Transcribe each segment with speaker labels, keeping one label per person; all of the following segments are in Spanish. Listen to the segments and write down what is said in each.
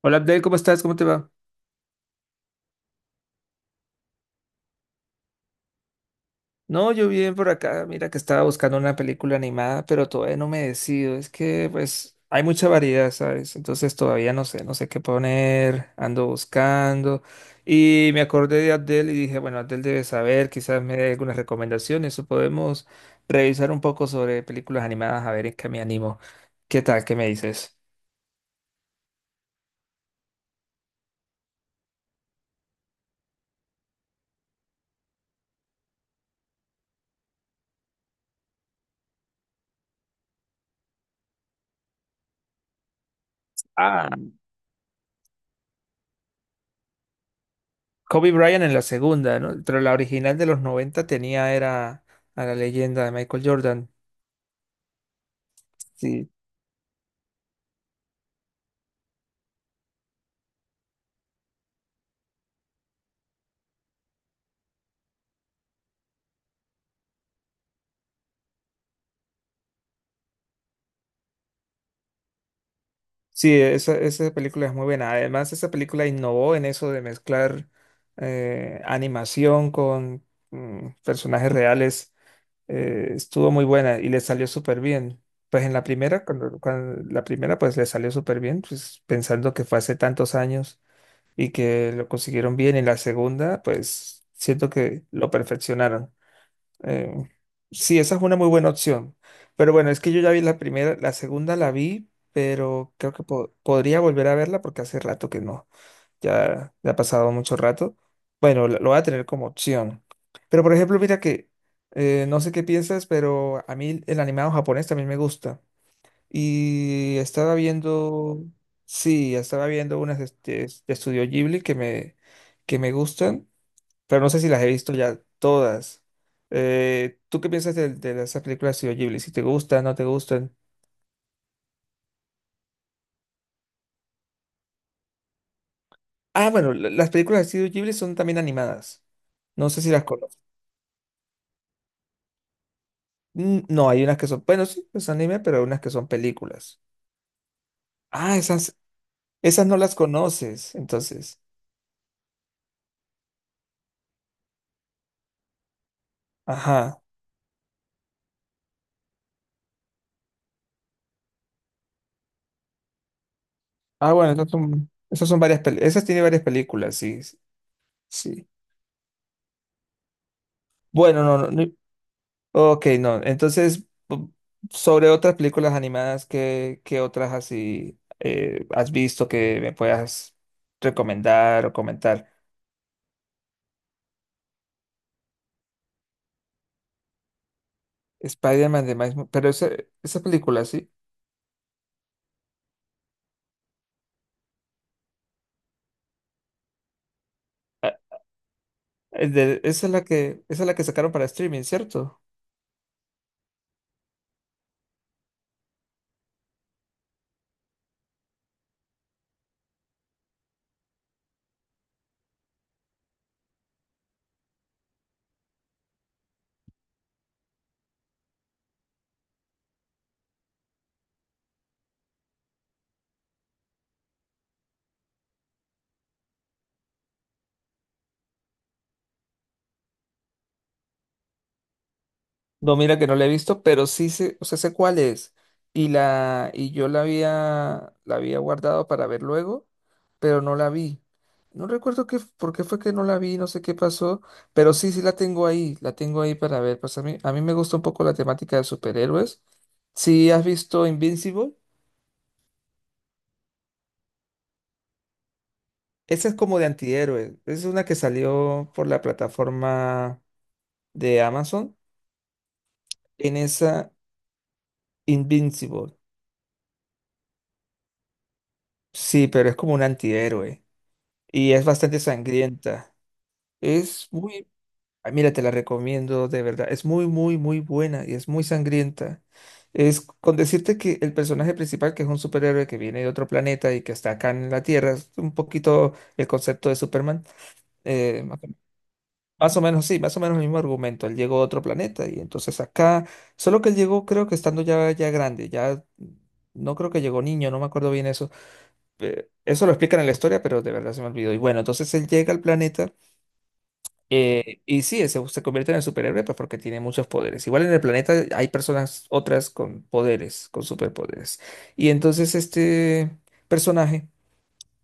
Speaker 1: Hola Abdel, ¿cómo estás? ¿Cómo te va? No, yo bien por acá. Mira que estaba buscando una película animada, pero todavía no me decido. Es que, pues, hay mucha variedad, ¿sabes? Entonces todavía no sé qué poner. Ando buscando. Y me acordé de Abdel y dije, bueno, Abdel debe saber, quizás me dé algunas recomendaciones o podemos revisar un poco sobre películas animadas a ver en qué me animo. ¿Qué tal? ¿Qué me dices? Ah, Kobe Bryant en la segunda, ¿no? Pero la original de los 90 tenía era a la leyenda de Michael Jordan. Sí, sí, esa película es muy buena. Además, esa película innovó en eso de mezclar animación con personajes reales. Estuvo muy buena y le salió súper bien. Pues en la primera, la primera, pues le salió súper bien, pues pensando que fue hace tantos años y que lo consiguieron bien. En la segunda, pues siento que lo perfeccionaron. Eh, sí, esa es una muy buena opción. Pero bueno, es que yo ya vi la primera, la segunda la vi, pero creo que podría volver a verla porque hace rato que no. Ya, ya ha pasado mucho rato. Bueno, lo voy a tener como opción. Pero por ejemplo, mira que no sé qué piensas, pero a mí el animado japonés también me gusta. Y sí, estaba viendo unas este, de Estudio Ghibli que me gustan pero no sé si las he visto ya todas. ¿Tú qué piensas de esas películas de Studio Ghibli? Si te gustan, no te gustan. Ah, bueno, las películas de Studio Ghibli son también animadas. No sé si las conoces. No, hay unas que son, bueno, sí, es anime, pero hay unas que son películas. Ah, esas no las conoces, entonces. Ajá. Ah, bueno, esas son varias, esas tiene varias películas, sí, sí. Bueno, no, no. Ok, no. Entonces, sobre otras películas animadas, ¿qué otras así has visto que me puedas recomendar o comentar? Spider-Man de pero esa película, sí. Ah, esa es la que, esa es la que sacaron para streaming, ¿cierto? No, mira que no la he visto, pero sí sé, o sea, sé cuál es. Y y yo la había guardado para ver luego, pero no la vi. No recuerdo por qué fue que no la vi, no sé qué pasó, pero sí, sí la tengo ahí para ver. Pues a mí me gusta un poco la temática de superhéroes. Sí, has visto Invincible, esa es como de antihéroes. Es una que salió por la plataforma de Amazon. En esa, Invincible. Sí, pero es como un antihéroe. Y es bastante sangrienta. Es muy, ah, mira, te la recomiendo de verdad. Es muy, muy, muy buena y es muy sangrienta. Es con decirte que el personaje principal, que es un superhéroe que viene de otro planeta y que está acá en la Tierra, es un poquito el concepto de Superman. eh, más o más o menos, sí, más o menos el mismo argumento. Él llegó a otro planeta y entonces acá, solo que él llegó, creo que estando ya, ya grande, ya no creo que llegó niño, no me acuerdo bien eso. Eso lo explican en la historia, pero de verdad se me olvidó. Y bueno, entonces él llega al planeta. Y sí, se convierte en el superhéroe pues, porque tiene muchos poderes. Igual en el planeta hay personas otras con poderes, con superpoderes. Y entonces este personaje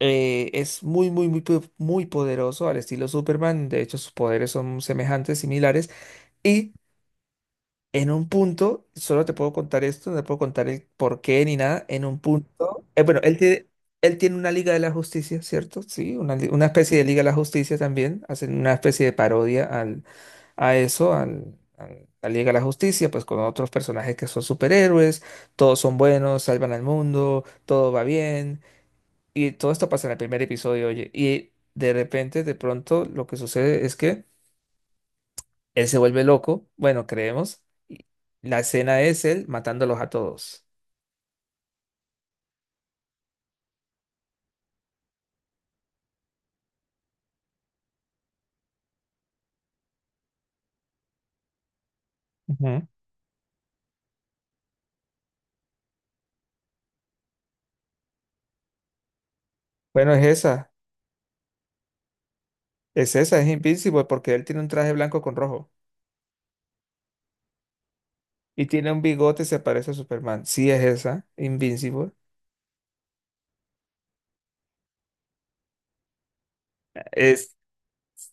Speaker 1: es muy, muy, muy, muy poderoso al estilo Superman. De hecho, sus poderes son semejantes, similares. Y en un punto, solo te puedo contar esto, no te puedo contar el por qué ni nada. En un punto, bueno, él tiene una Liga de la Justicia, ¿cierto? Sí, una especie de Liga de la Justicia también. Hacen una especie de parodia a eso, a la Liga de la Justicia, pues con otros personajes que son superhéroes, todos son buenos, salvan al mundo, todo va bien. Y todo esto pasa en el primer episodio, oye. Y de repente, de pronto, lo que sucede es que él se vuelve loco, bueno, creemos. Y la escena es él matándolos a todos. Ujú. Bueno, es esa, es Invincible porque él tiene un traje blanco con rojo y tiene un bigote y se parece a Superman. Sí, es esa, Invincible. Es,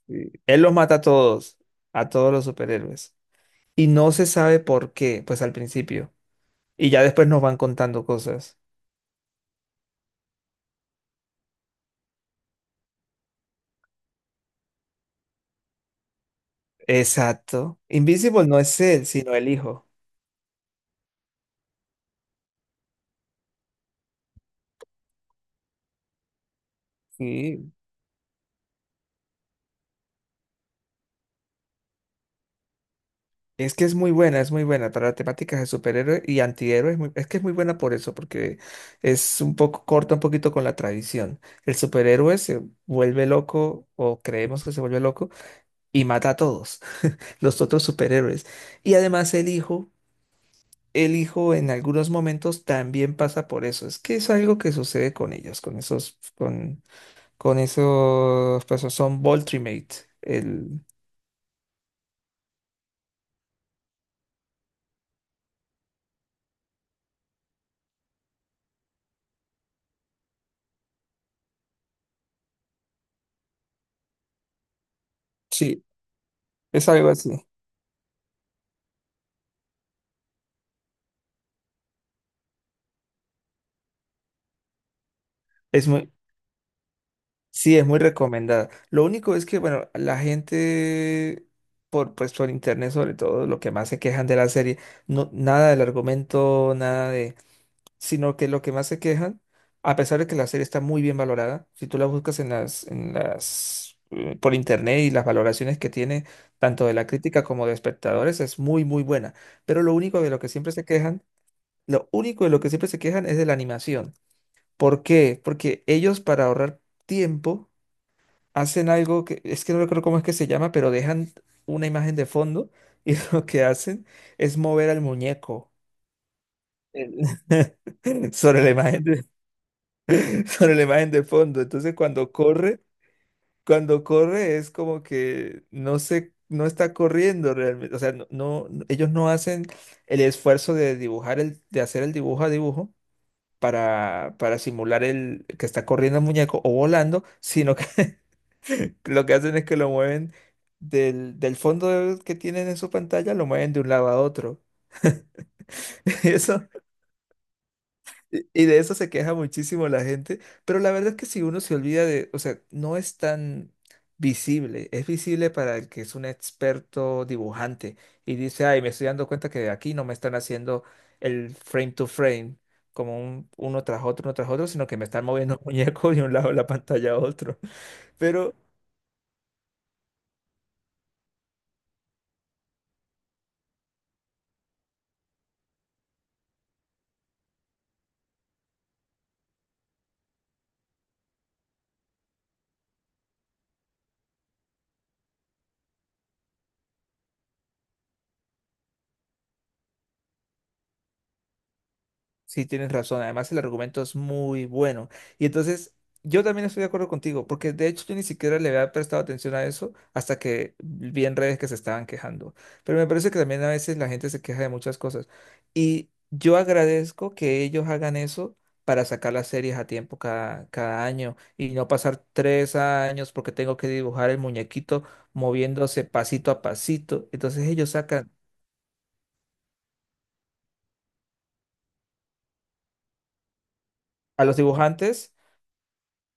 Speaker 1: sí, él los mata a todos los superhéroes. Y no se sabe por qué, pues al principio. Y ya después nos van contando cosas. Exacto. Invincible no es él, sino el hijo. Sí, es que es muy buena para temáticas de superhéroes y antihéroes. Es que es muy buena por eso, porque es un poco corta un poquito con la tradición. El superhéroe se vuelve loco, o creemos que se vuelve loco, y mata a todos los otros superhéroes. Y además el hijo en algunos momentos también pasa por eso. Es que es algo que sucede con ellos, con esos, pues son Voltrimate. El, sí, es algo así. Es muy Sí, es muy recomendada. Lo único es que, bueno, la gente, pues por internet sobre todo, lo que más se quejan de la serie, no, nada del argumento, nada de, sino que lo que más se quejan, a pesar de que la serie está muy bien valorada, si tú la buscas por internet y las valoraciones que tiene, tanto de la crítica como de espectadores, es muy, muy buena. Pero lo único de lo que siempre se quejan, lo único de lo que siempre se quejan es de la animación. ¿Por qué? Porque ellos para ahorrar tiempo hacen algo que es que no recuerdo cómo es que se llama, pero dejan una imagen de fondo y lo que hacen es mover al muñeco sobre la imagen de, sobre la imagen de fondo. Cuando corre es como que no está corriendo realmente, o sea, ellos no hacen el esfuerzo de dibujar el de hacer el dibujo a dibujo. Para simular el que está corriendo el muñeco o volando, sino que lo que hacen es que lo mueven del fondo que tienen en su pantalla, lo mueven de un lado a otro. Y eso, y de eso se queja muchísimo la gente. Pero la verdad es que si uno se olvida de, o sea, no es tan visible. Es visible para el que es un experto dibujante y dice, ay, me estoy dando cuenta que aquí no me están haciendo el frame to frame, uno tras otro, sino que me están moviendo un muñeco de un lado de la pantalla a otro. Pero sí, tienes razón. Además, el argumento es muy bueno. Y entonces, yo también estoy de acuerdo contigo, porque de hecho yo ni siquiera le había prestado atención a eso hasta que vi en redes que se estaban quejando. Pero me parece que también a veces la gente se queja de muchas cosas. Y yo agradezco que ellos hagan eso para sacar las series a tiempo cada año y no pasar 3 años porque tengo que dibujar el muñequito moviéndose pasito a pasito. Entonces ellos sacan a los dibujantes.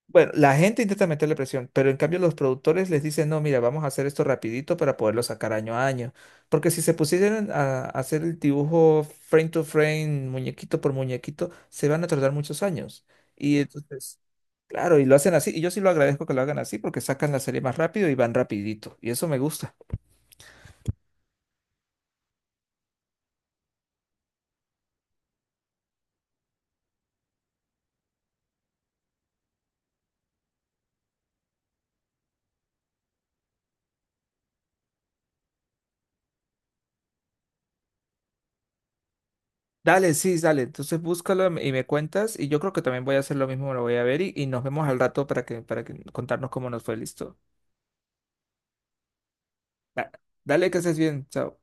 Speaker 1: Bueno, la gente intenta meterle presión, pero en cambio los productores les dicen, no, mira, vamos a hacer esto rapidito para poderlo sacar año a año. Porque si se pusieran a hacer el dibujo frame to frame, muñequito por muñequito, se van a tardar muchos años. Y entonces, claro, y lo hacen así. Y yo sí lo agradezco que lo hagan así porque sacan la serie más rápido y van rapidito. Y eso me gusta. Dale, sí, dale. Entonces búscalo y me cuentas. Y yo creo que también voy a hacer lo mismo, lo voy a ver y nos vemos al rato para que contarnos cómo nos fue listo. Da- Dale, que estés bien. Chao.